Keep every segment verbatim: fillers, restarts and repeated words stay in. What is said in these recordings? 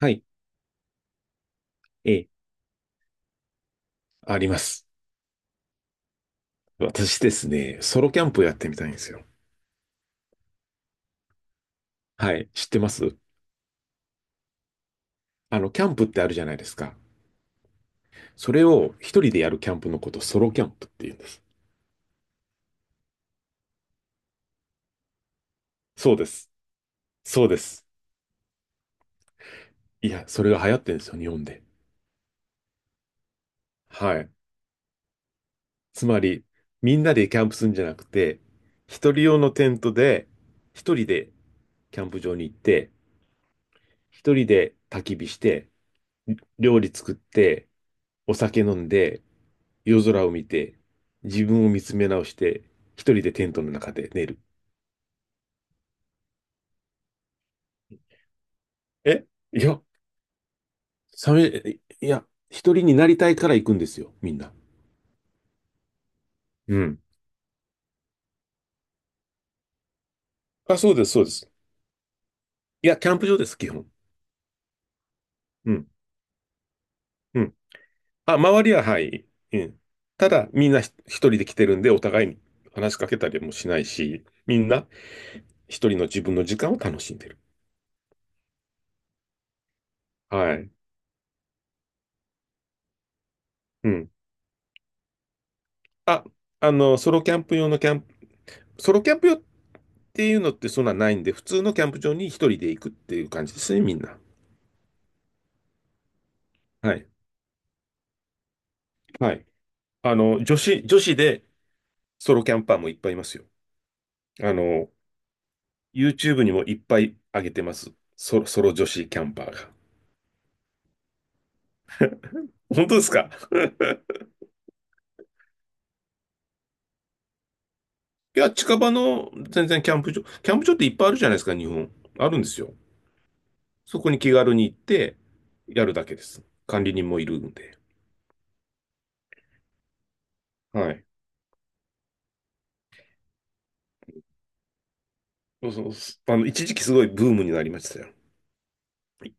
はい。ええ。あります。私ですね、ソロキャンプやってみたいんですよ。はい。知ってます。あの、キャンプってあるじゃないですか。それを一人でやるキャンプのこと、ソロキャンプって言うんです。そうです。そうです。いや、それが流行ってるんですよ、日本で。はい。つまり、みんなでキャンプするんじゃなくて、一人用のテントで、一人でキャンプ場に行って、一人で焚き火して、料理作って、お酒飲んで、夜空を見て、自分を見つめ直して、一人でテントの中で寝る。えいや、サメ、いや、一人になりたいから行くんですよ、みんな。うん。あ、そうです、そうです。いや、キャンプ場です、基本。うん。うん。あ、周りは、はい。うん。ただ、みんなひ一人で来てるんで、お互いに話しかけたりもしないし、みんな一人の自分の時間を楽しんでる。はい。うん。あ、あの、ソロキャンプ用のキャンプ、ソロキャンプ用っていうのってそんなないんで、普通のキャンプ場に一人で行くっていう感じですね、みんな。はい。はい。あの、女子、女子でソロキャンパーもいっぱいいますよ。あの、ユーチューブ にもいっぱい上げてます。ソロ、ソロ女子キャンパーが。本当ですか？ いや、近場の全然キャンプ場、キャンプ場っていっぱいあるじゃないですか、日本。あるんですよ。そこに気軽に行って、やるだけです。管理人もいるんで。はい。そうそう。あの、一時期すごいブームになりましたよ。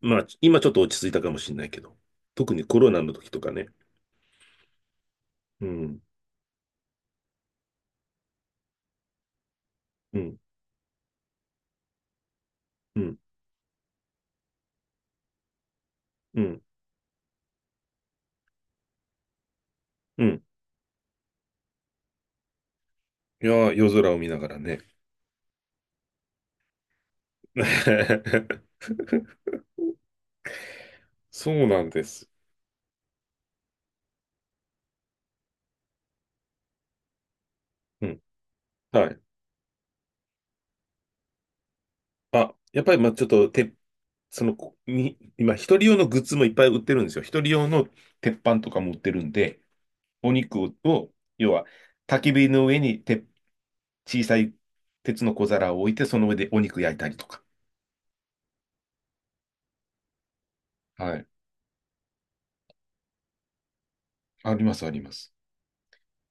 まあ、今ちょっと落ち着いたかもしれないけど、特にコロナの時とかね。うん、うん、うん、うん、うん。いやー、夜空を見ながらね。そうなんです。うん。はい。あ、やっぱり、まあ、ちょっと、て、その、こに、今、一人用のグッズもいっぱい売ってるんですよ。一人用の鉄板とかも売ってるんで、お肉を、要は、焚き火の上にて、小さい鉄の小皿を置いて、その上でお肉焼いたりとか。はい。あります、あります。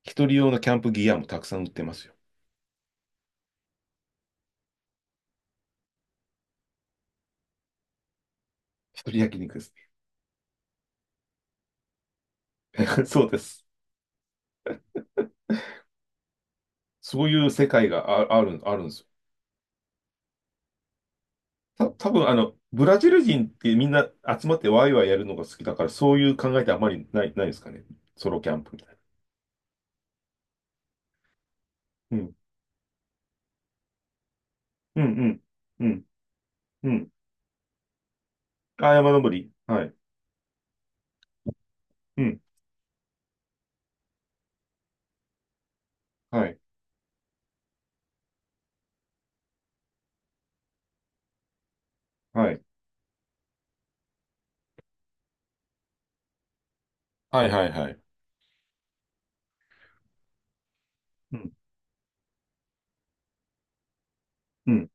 一人用のキャンプギアもたくさん売ってますよ。一人焼肉です。そうです。そういう世界があ、ある、あるんですよ。た、多分あの、ブラジル人ってみんな集まってワイワイやるのが好きだから、そういう考えってあまりない、ないですかね。ソロキャンプみたいな。うん。うん、うん。うん、うん。あ、山登り。はい。うん。はい。はい。はい、はい、はい。うん。うん。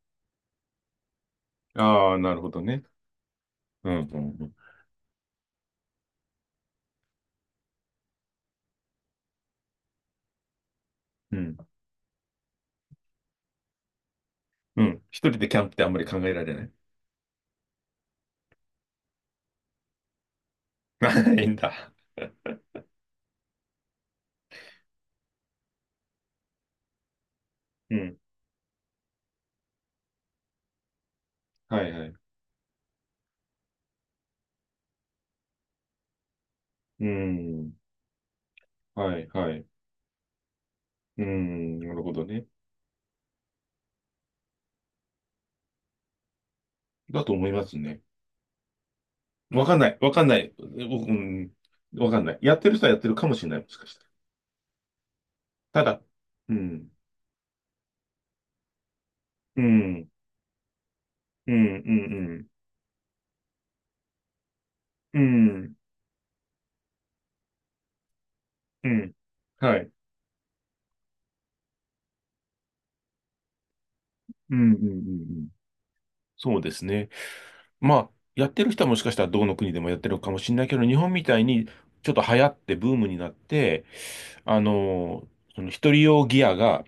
ああ、なるほどね。うん、うん、うん。うん。うん、一人でキャンプってあんまり考えられない。ないんだ。うん。はい、はい。うん。はい、はい。うん。なるほどね。だと思いますね。わかんない。わかんない。僕、うん、わかんない。やってる人はやってるかもしれない。もしかしたら。ただ、うん、うん、うん、うん、うん、うん、うん、はい。うん、うん、うんうん。そうですね。まあ、やってる人はもしかしたらどの国でもやってるかもしれないけど、日本みたいにちょっと流行ってブームになって、あの、その一人用ギアが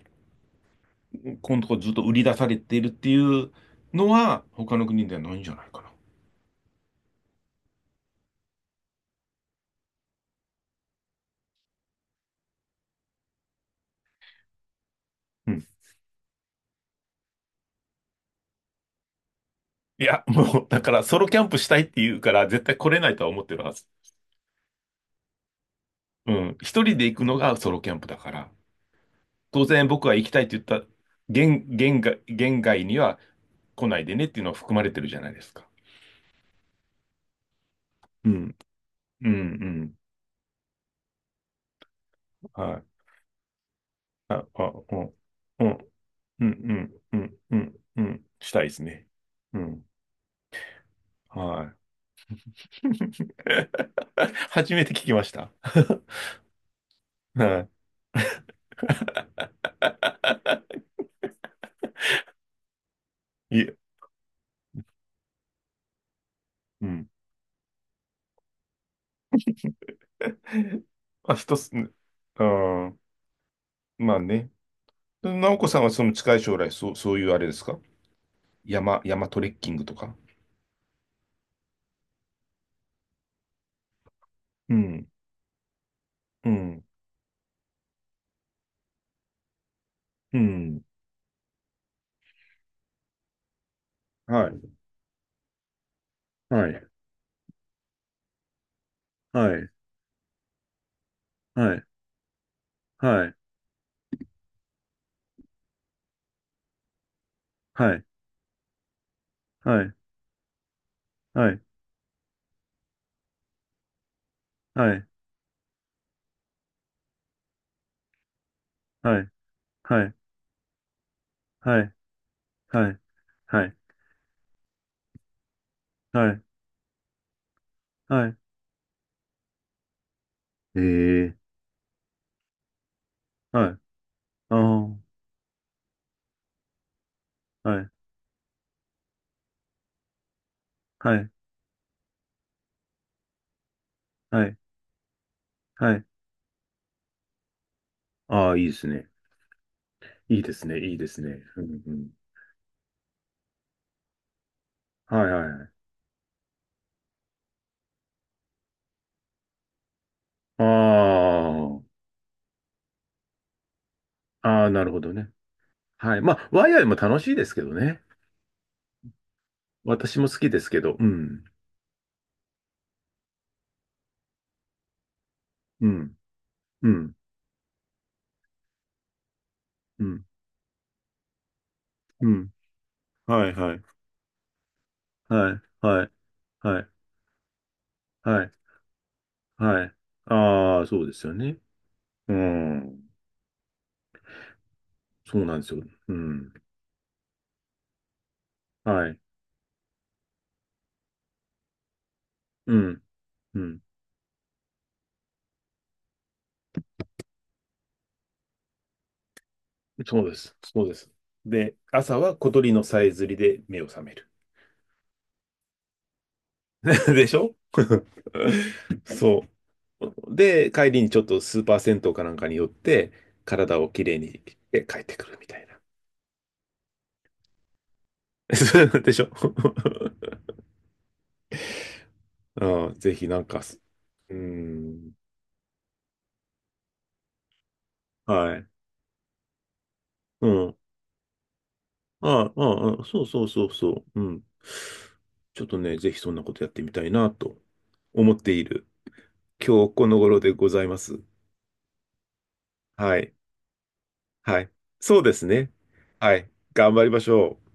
今度ずっと売り出されているっていうのは、他の国ではないんじゃないかな。うん。いや、もう、だからソロキャンプしたいって言うから、絶対来れないとは思ってるはず。うん。一人で行くのがソロキャンプだから。当然僕は行きたいって言った限、限界、限界には来ないでねっていうのは含まれてるじゃないですか。うん。うん、うん。はい。あ、あ、うん、うん、うん、うん、うん、うん、うんうんうん、したいですね。うん。はい。初めて聞きました。はい。いえ、うん。まあ、一つ、うん。まあね。直子さんはその近い将来、そう、そういうあれですか山、山トレッキングとか。うん、うん、うん。はい、はい、はい、はい、はい、はい、はい、はい、はい、はい、はい、はい、はい、はい、はい、はい、ええ、はい、ああ、はい、はい、はい、はい、ああ、いいですね。いいですね、いいですね。うんうん。はい、はい、はい。ああ、ああ、なるほどね。はい。まあ、ワイワイも楽しいですけどね。私も好きですけど、うん、うん、うん、うん、うん。はい、はい、はい、はい、はい、はい、はい。ああ、そうですよね。うん、そうなんですよ。うん、はい、うん、うん。そうです、そうです。で、朝は小鳥のさえずりで目を覚める。でしょ そう。で、帰りにちょっとスーパー銭湯かなんかに寄って、体をきれいにして帰ってくるみたいな。でしょ ああ、ぜひなんか、うん、はい。うん。ああ、ああそうそうそうそう。うん。ちょっとね、ぜひそんなことやってみたいなと思っている今日この頃でございます。はい。はい。そうですね。はい。頑張りましょう。